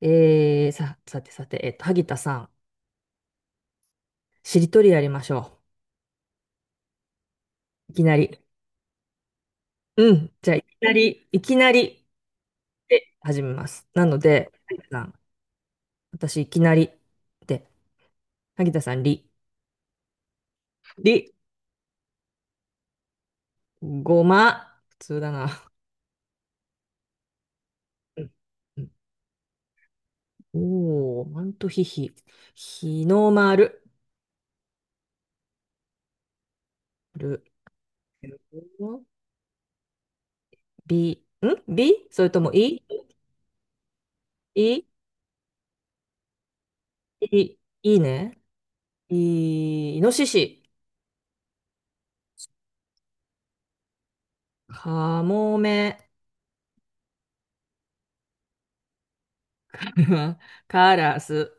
さてさて、萩田さん、しりとりやりましょう。いきなり。うん。じゃあ、いきなり、いきなりで始めます。なので、萩田さん、私、いきなりで、萩田さん、り、り、ごま、普通だな。うんうんおー、マントヒヒ、日の丸、る、び、んびそれとも、い、い、い、いいいね。い、イノシシ、かもめ、カラス。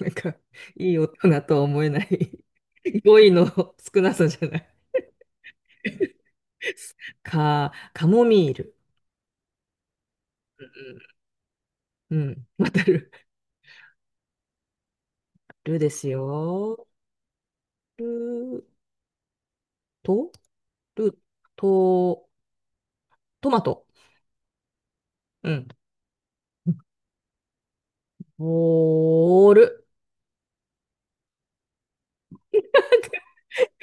なんか、いい大人とは思えない 語彙の少なさじゃない。か、カモミール。うん、うんわかる。ルですよ。ると、ると、トマト。うん。ボール。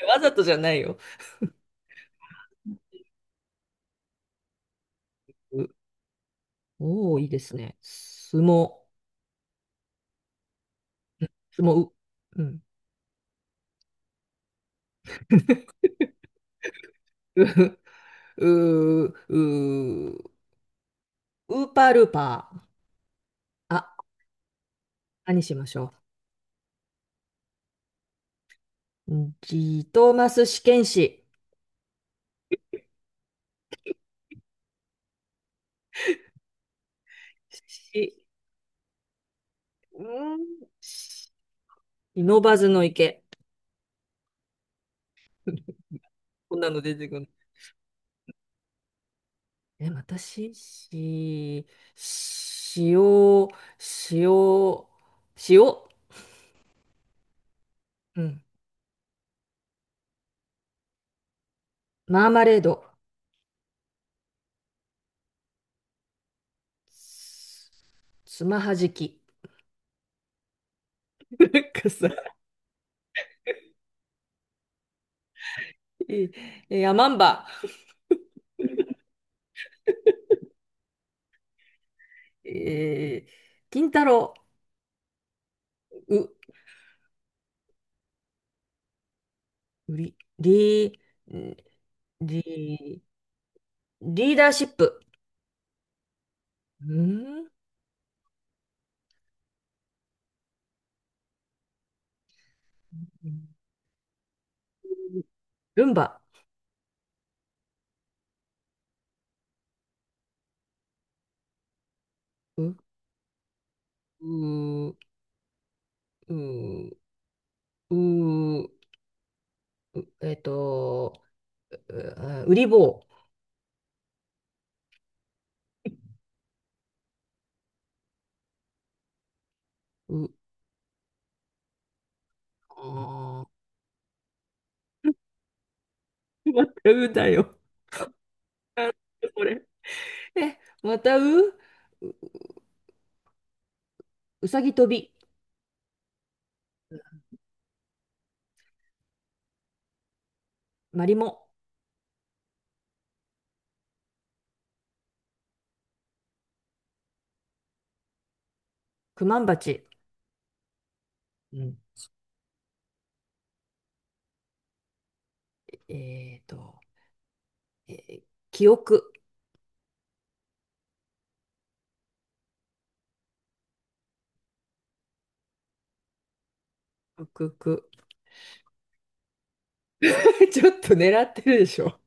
わざとじゃないよ。うおー、いいですね。すも、すも、う。うん。う、う、う、うウーパールーパー。あ何しましょう。うんジトーマス試験紙。し、うん、し不忍ばずの池。こんなの出てくる。え、私、し、塩、塩、塩、うん。マーマレード。つつまはじき。なんかさ、えー、えマンバ。えー、金太郎。う、り、り、り、リーダーシップ。うんルンバ。うん、うーん、うーん、うーんえっと、うあウリボウ。う、あーまたうだよ、これ。え、またう、う、うさぎ跳び、マリモ、クマンバチ。うん、えっと、えー記憶、くく。ちょっと狙ってるでしょ。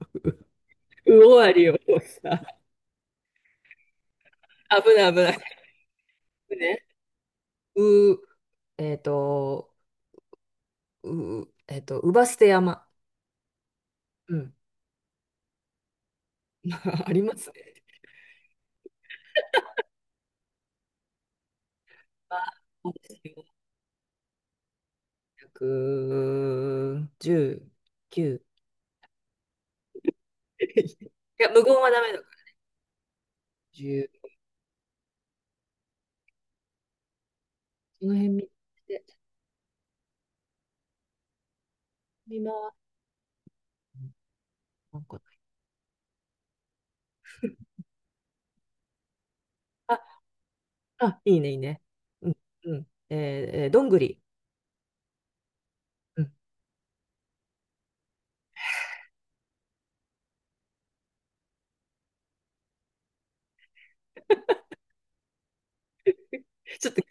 う終わりをさ、危ない危ない。ね、う、えっと、う、うばすて山。うん ありますね。あ、そうですよ。119。いや、無言はダメだから。じゅうその辺見て、見回す。なんかあ、あ、いいね、いいね。うん、うん。えー、えーどんぐり。うん。ちょっと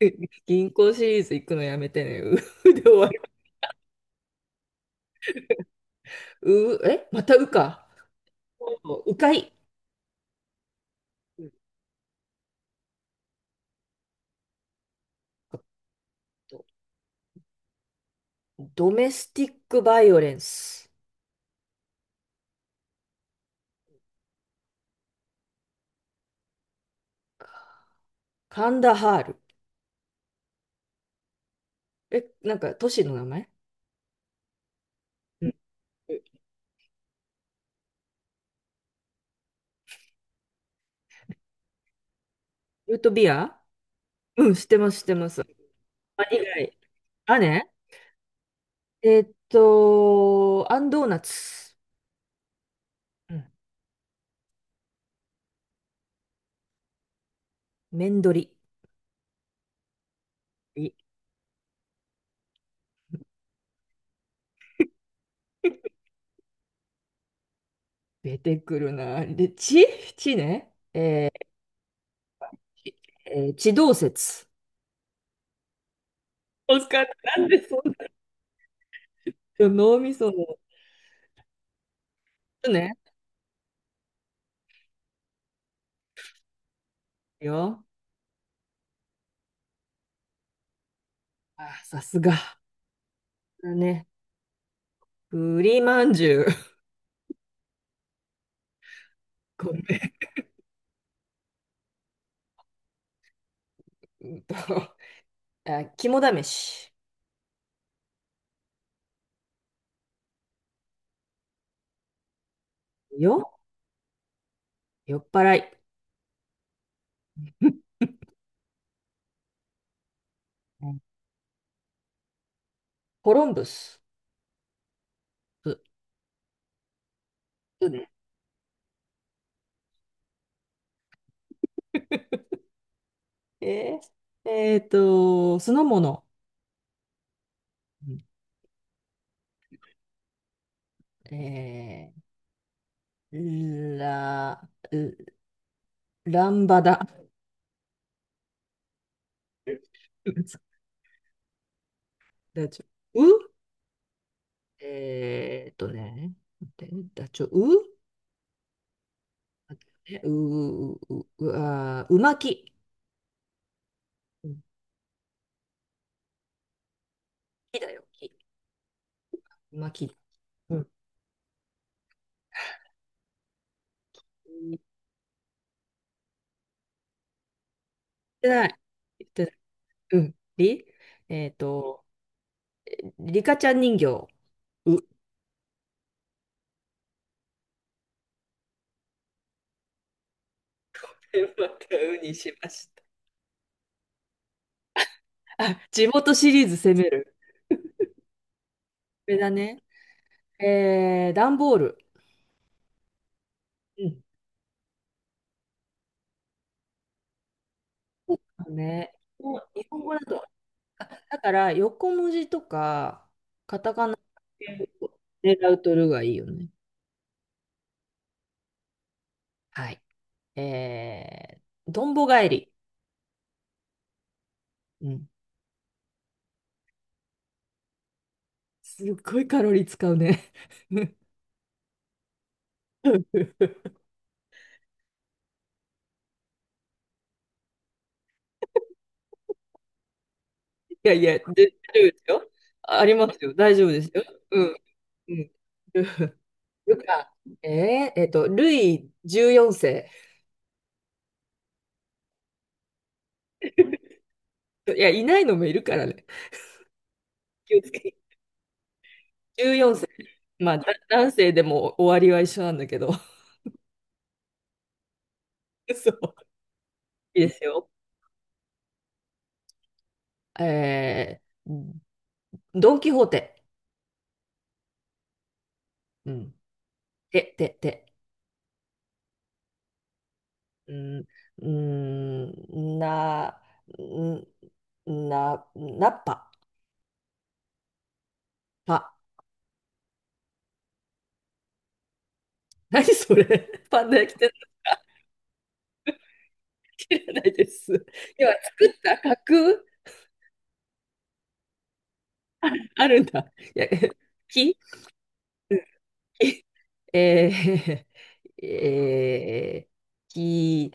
銀銀行シリーズ行くのやめてね。うう で終わる。う、え、またうか。うかい。うんとドメスティックバイオレンス。カンダハール。え、なんか都市の名前うんルートビアうん、知ってます、知ってます。あ、以外。あね。アンドーナツ。うん。麺りい出てくるな。で、地地ね。ちえー、地動説。おっかなんでそんな脳みその。ちね。よ。あ、さすが。だね。栗まんじゅう。ごめん。うんと、あ、肝試し。よ。酔っ払い。うんコロンブス。ううね。え酢の物。うんえー、ラ、ランバダ。ダチョウ。えーとね、待ってダチョウ。待ってねう、う、う、う、あー、うまき。うん木だよ、木。うまき。うん。言ってない。言ってない。うん。りえーと、リカちゃん人形。う。またうにしました。あ、地元シリーズ攻める。これだね。段ボール。うん。ね。日本語だと。だから、横文字とか、カタカナを狙うとるがいいよね。はい。えどんぼ返り。うん。すっごいカロリー使うね。いやいや、で大丈夫ですよ。あありますよ。大丈夫ですよ。うん。うん。よか、ルイ14世。いや、いないのもいるからね。気をつけ。14まあ、だ男性でも終わりは一緒なんだけど。そう。いいですよ。えー、ドン・キホーテ。うん。て、て、て。うん、うんな、んな、なっぱ、ぱ。何それパンダ焼きって知らないです。要は作った架空あるんだ。いや、木うん木えき、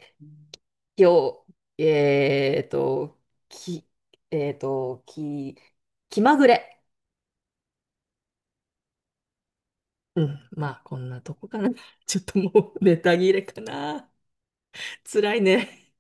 きょ、えーと、き、き、気まぐれ。うん、まあ、こんなとこかな。ちょっともう ネタ切れかな。辛いね。